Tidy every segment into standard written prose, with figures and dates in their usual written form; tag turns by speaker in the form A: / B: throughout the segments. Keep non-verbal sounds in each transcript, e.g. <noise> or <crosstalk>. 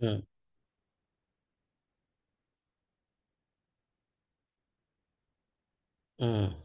A: うん、うん。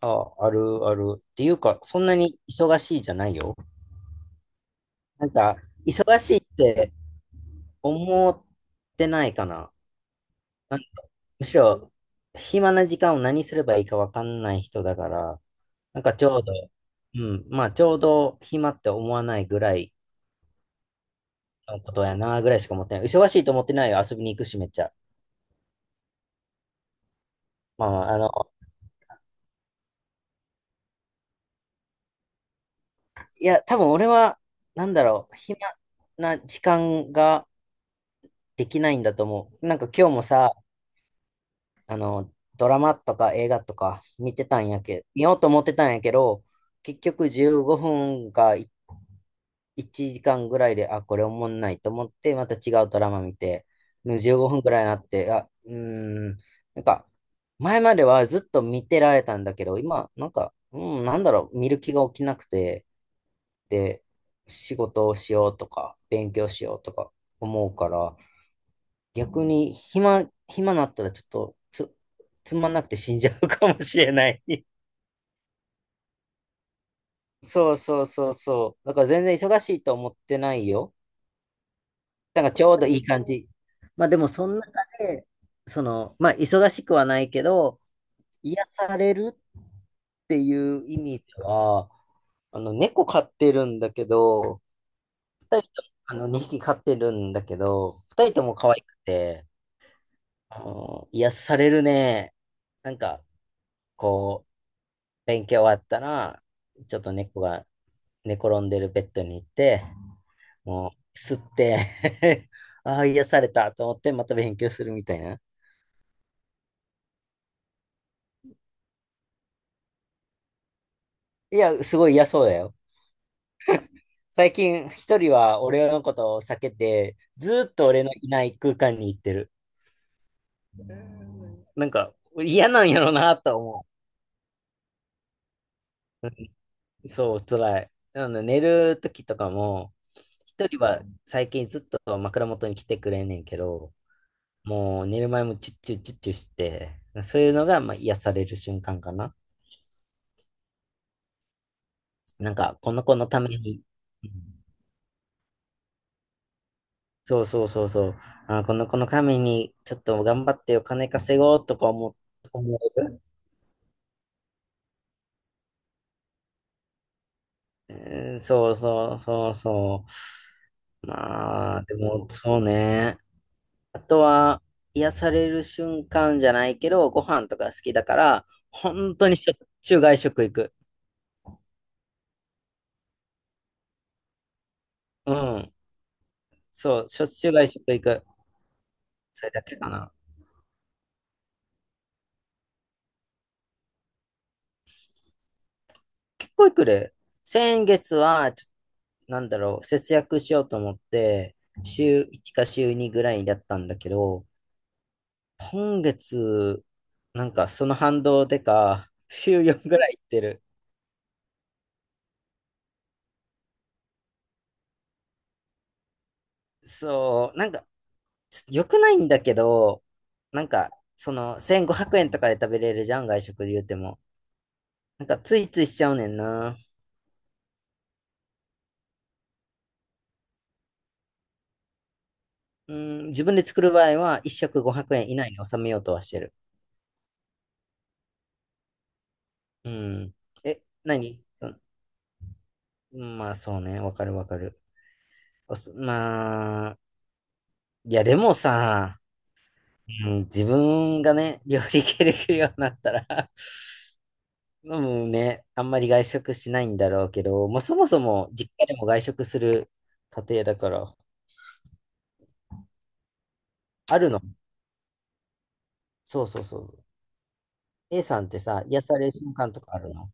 A: あ、あるある。っていうか、そんなに忙しいじゃないよ。なんか、忙しいって思ってないかな。なんむしろ、暇な時間を何すればいいかわかんない人だから、なんかちょうど、うん、まあちょうど暇って思わないぐらいのことやなぐらいしか思ってない。忙しいと思ってないよ。遊びに行くし、めっちゃ。まあ、まあの、いや、多分俺は、なんだろう、暇な時間ができないんだと思う。なんか今日もさ、ドラマとか映画とか見ようと思ってたんやけど、結局15分かい1時間ぐらいで、あ、これおもんないと思って、また違うドラマ見て、もう15分ぐらいになって、あ、ん、なんか、前まではずっと見てられたんだけど、今、なんか、なんだろう、見る気が起きなくて、で、仕事をしようとか、勉強しようとか思うから、逆に暇、暇なったらちょっとつまんなくて死んじゃうかもしれない。<laughs> そうそうそうそう。だから全然忙しいと思ってないよ。だからちょうどいい感じ。まあでもその中で、まあ忙しくはないけど、癒されるっていう意味では、猫飼ってるんだけど、二人とも、2匹飼ってるんだけど、二人とも可愛くて、癒されるね。なんか、こう、勉強終わったら、ちょっと猫が寝転んでるベッドに行って、もう、吸って <laughs> ああ、癒されたと思って、また勉強するみたいな。いや、すごい嫌そうだよ。最近、一人は俺のことを避けて、ずーっと俺のいない空間に行ってる。なんか、嫌なんやろなと思う。<laughs> そう、辛い。なので、寝る時とかも、一人は最近ずっと枕元に来てくれんねんけど、もう寝る前もチュッチュッチュッチュして、そういうのがまあ癒される瞬間かな。なんか、この子のために、うん、そうそうそうそう、あ、この子のためにちょっと頑張ってお金稼ごうとか思う、思える。うん、そうそうそうそう。まあ、でもそうね。あとは、癒される瞬間じゃないけど、ご飯とか好きだから、本当にしょっちゅう外食行く。うん、そう、しょっちゅう外食行く。それだけかな。結構来る。先月は、なんだろう、節約しようと思って、週1か週2ぐらいだったんだけど、今月、なんかその反動でか、週4ぐらい行ってる。そう、なんか、ちょ良くないんだけど、なんか、1500円とかで食べれるじゃん、外食で言うても。なんか、ついついしちゃうねんな。うん、自分で作る場合は、1食500円以内に収めようとはしてる。うん。え、何？うん、まあそうね、わかるわかる。まあ、いやでもさ、うん、自分がね、料理系できるようになったら <laughs> もうね、あんまり外食しないんだろうけど、まあそもそも実家でも外食する家庭だから、あるの。そうそうそう。A さんってさ、癒される瞬間とかあるの？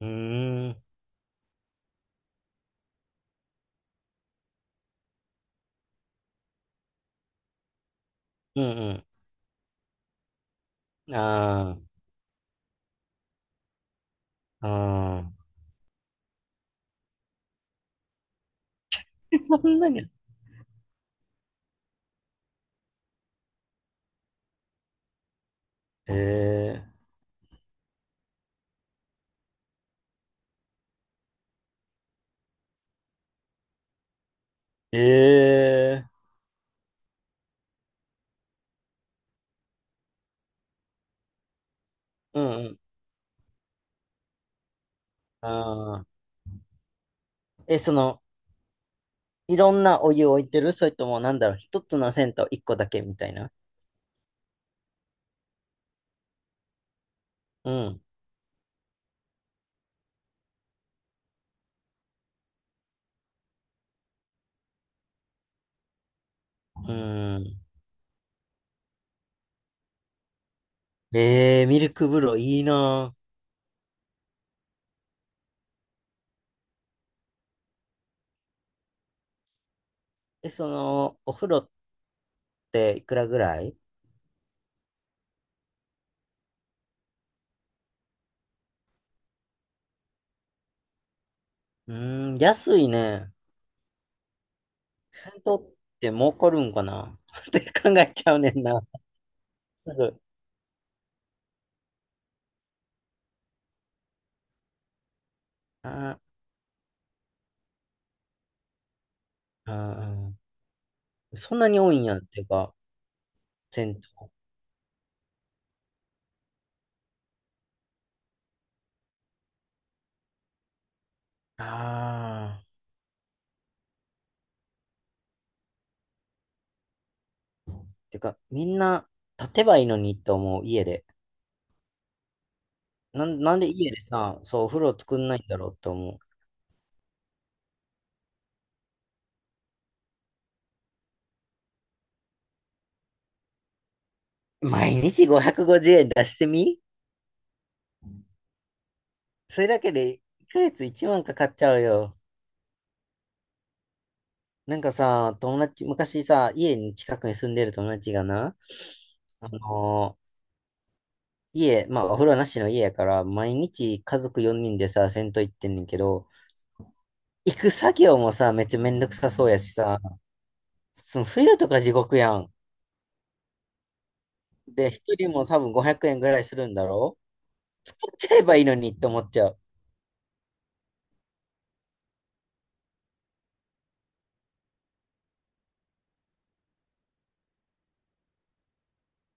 A: うーん、うんうん。ああ、ああ。<laughs> そんなに。ええええ、うんうん。ああ。え、いろんなお湯を置いてる？それとも、なんだろう、一つの銭湯一個だけみたいな。うん。うん。ミルク風呂いいなぁ。え、お風呂っていくらぐらい？うーん、安いね。銭湯って儲かるんかな <laughs> って考えちゃうねんな。すぐ。あーあ、ー、そんなに多いんやっていうか、銭湯。ああ、てか、みんな立てばいいのにと思う、家で。なんで家でさ、そう、お風呂作んないんだろうと思う。毎日550円出してみ、それだけで1ヶ月1万かかっちゃうよ。なんかさ、友達、昔さ、家に近くに住んでる友達がな、あのー家、まあお風呂なしの家やから、毎日家族4人でさ、銭湯行ってんねんけど、行く作業もさ、めっちゃめんどくさそうやしさ、その冬とか地獄やん。で、一人も多分500円ぐらいするんだろ、使っちゃえばいいのにって思っちゃう。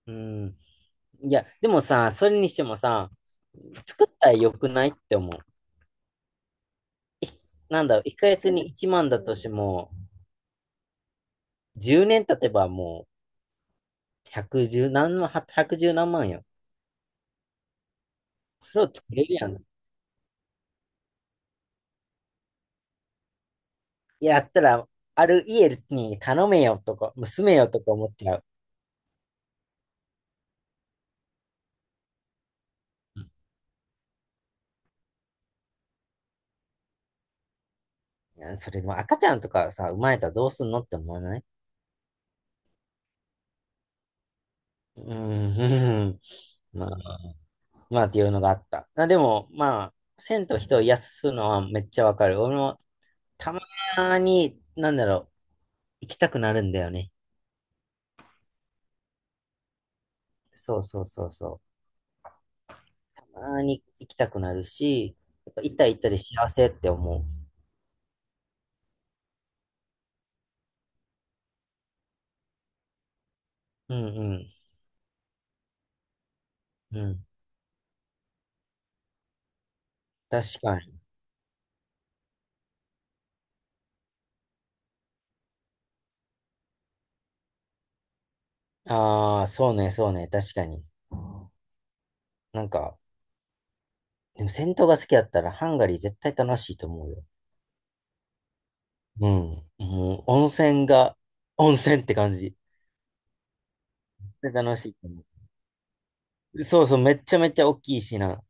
A: うん。いや、でもさ、それにしてもさ、作ったら良くないって思う。なんだろう、1ヶ月に1万だとしても、10年経てばもう、110何万、1 1何万よ。それを作れるやん。やったら、ある家に頼めよとか、住めよとか思っちゃう。いやそれでも赤ちゃんとかさ、生まれたらどうすんのって思わない？うーん、<laughs> まあ、まあっていうのがあった。あ、でも、まあ、銭湯人を癒すのはめっちゃわかる。俺もたまに、なんだろう、行きたくなるんだよね。そうそうそうそう。あに行きたくなるし、やっぱ行ったら行ったで幸せって思う。うんうん。うん。確かに。ああ、そうね、そうね、確かに。なんか、でも銭湯が好きだったらハンガリー絶対楽しいと思うよ。うん。もう温泉が、温泉って感じ。絶対楽しいと思う。そうそう、めっちゃめちゃ大きいしな。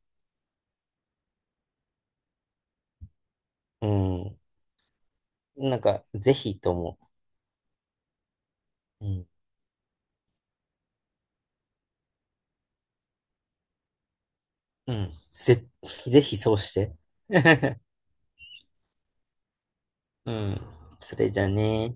A: うん。なんか、ぜひと思う。うん。うん。ぜひそうして。<laughs> うん。<laughs> それじゃね。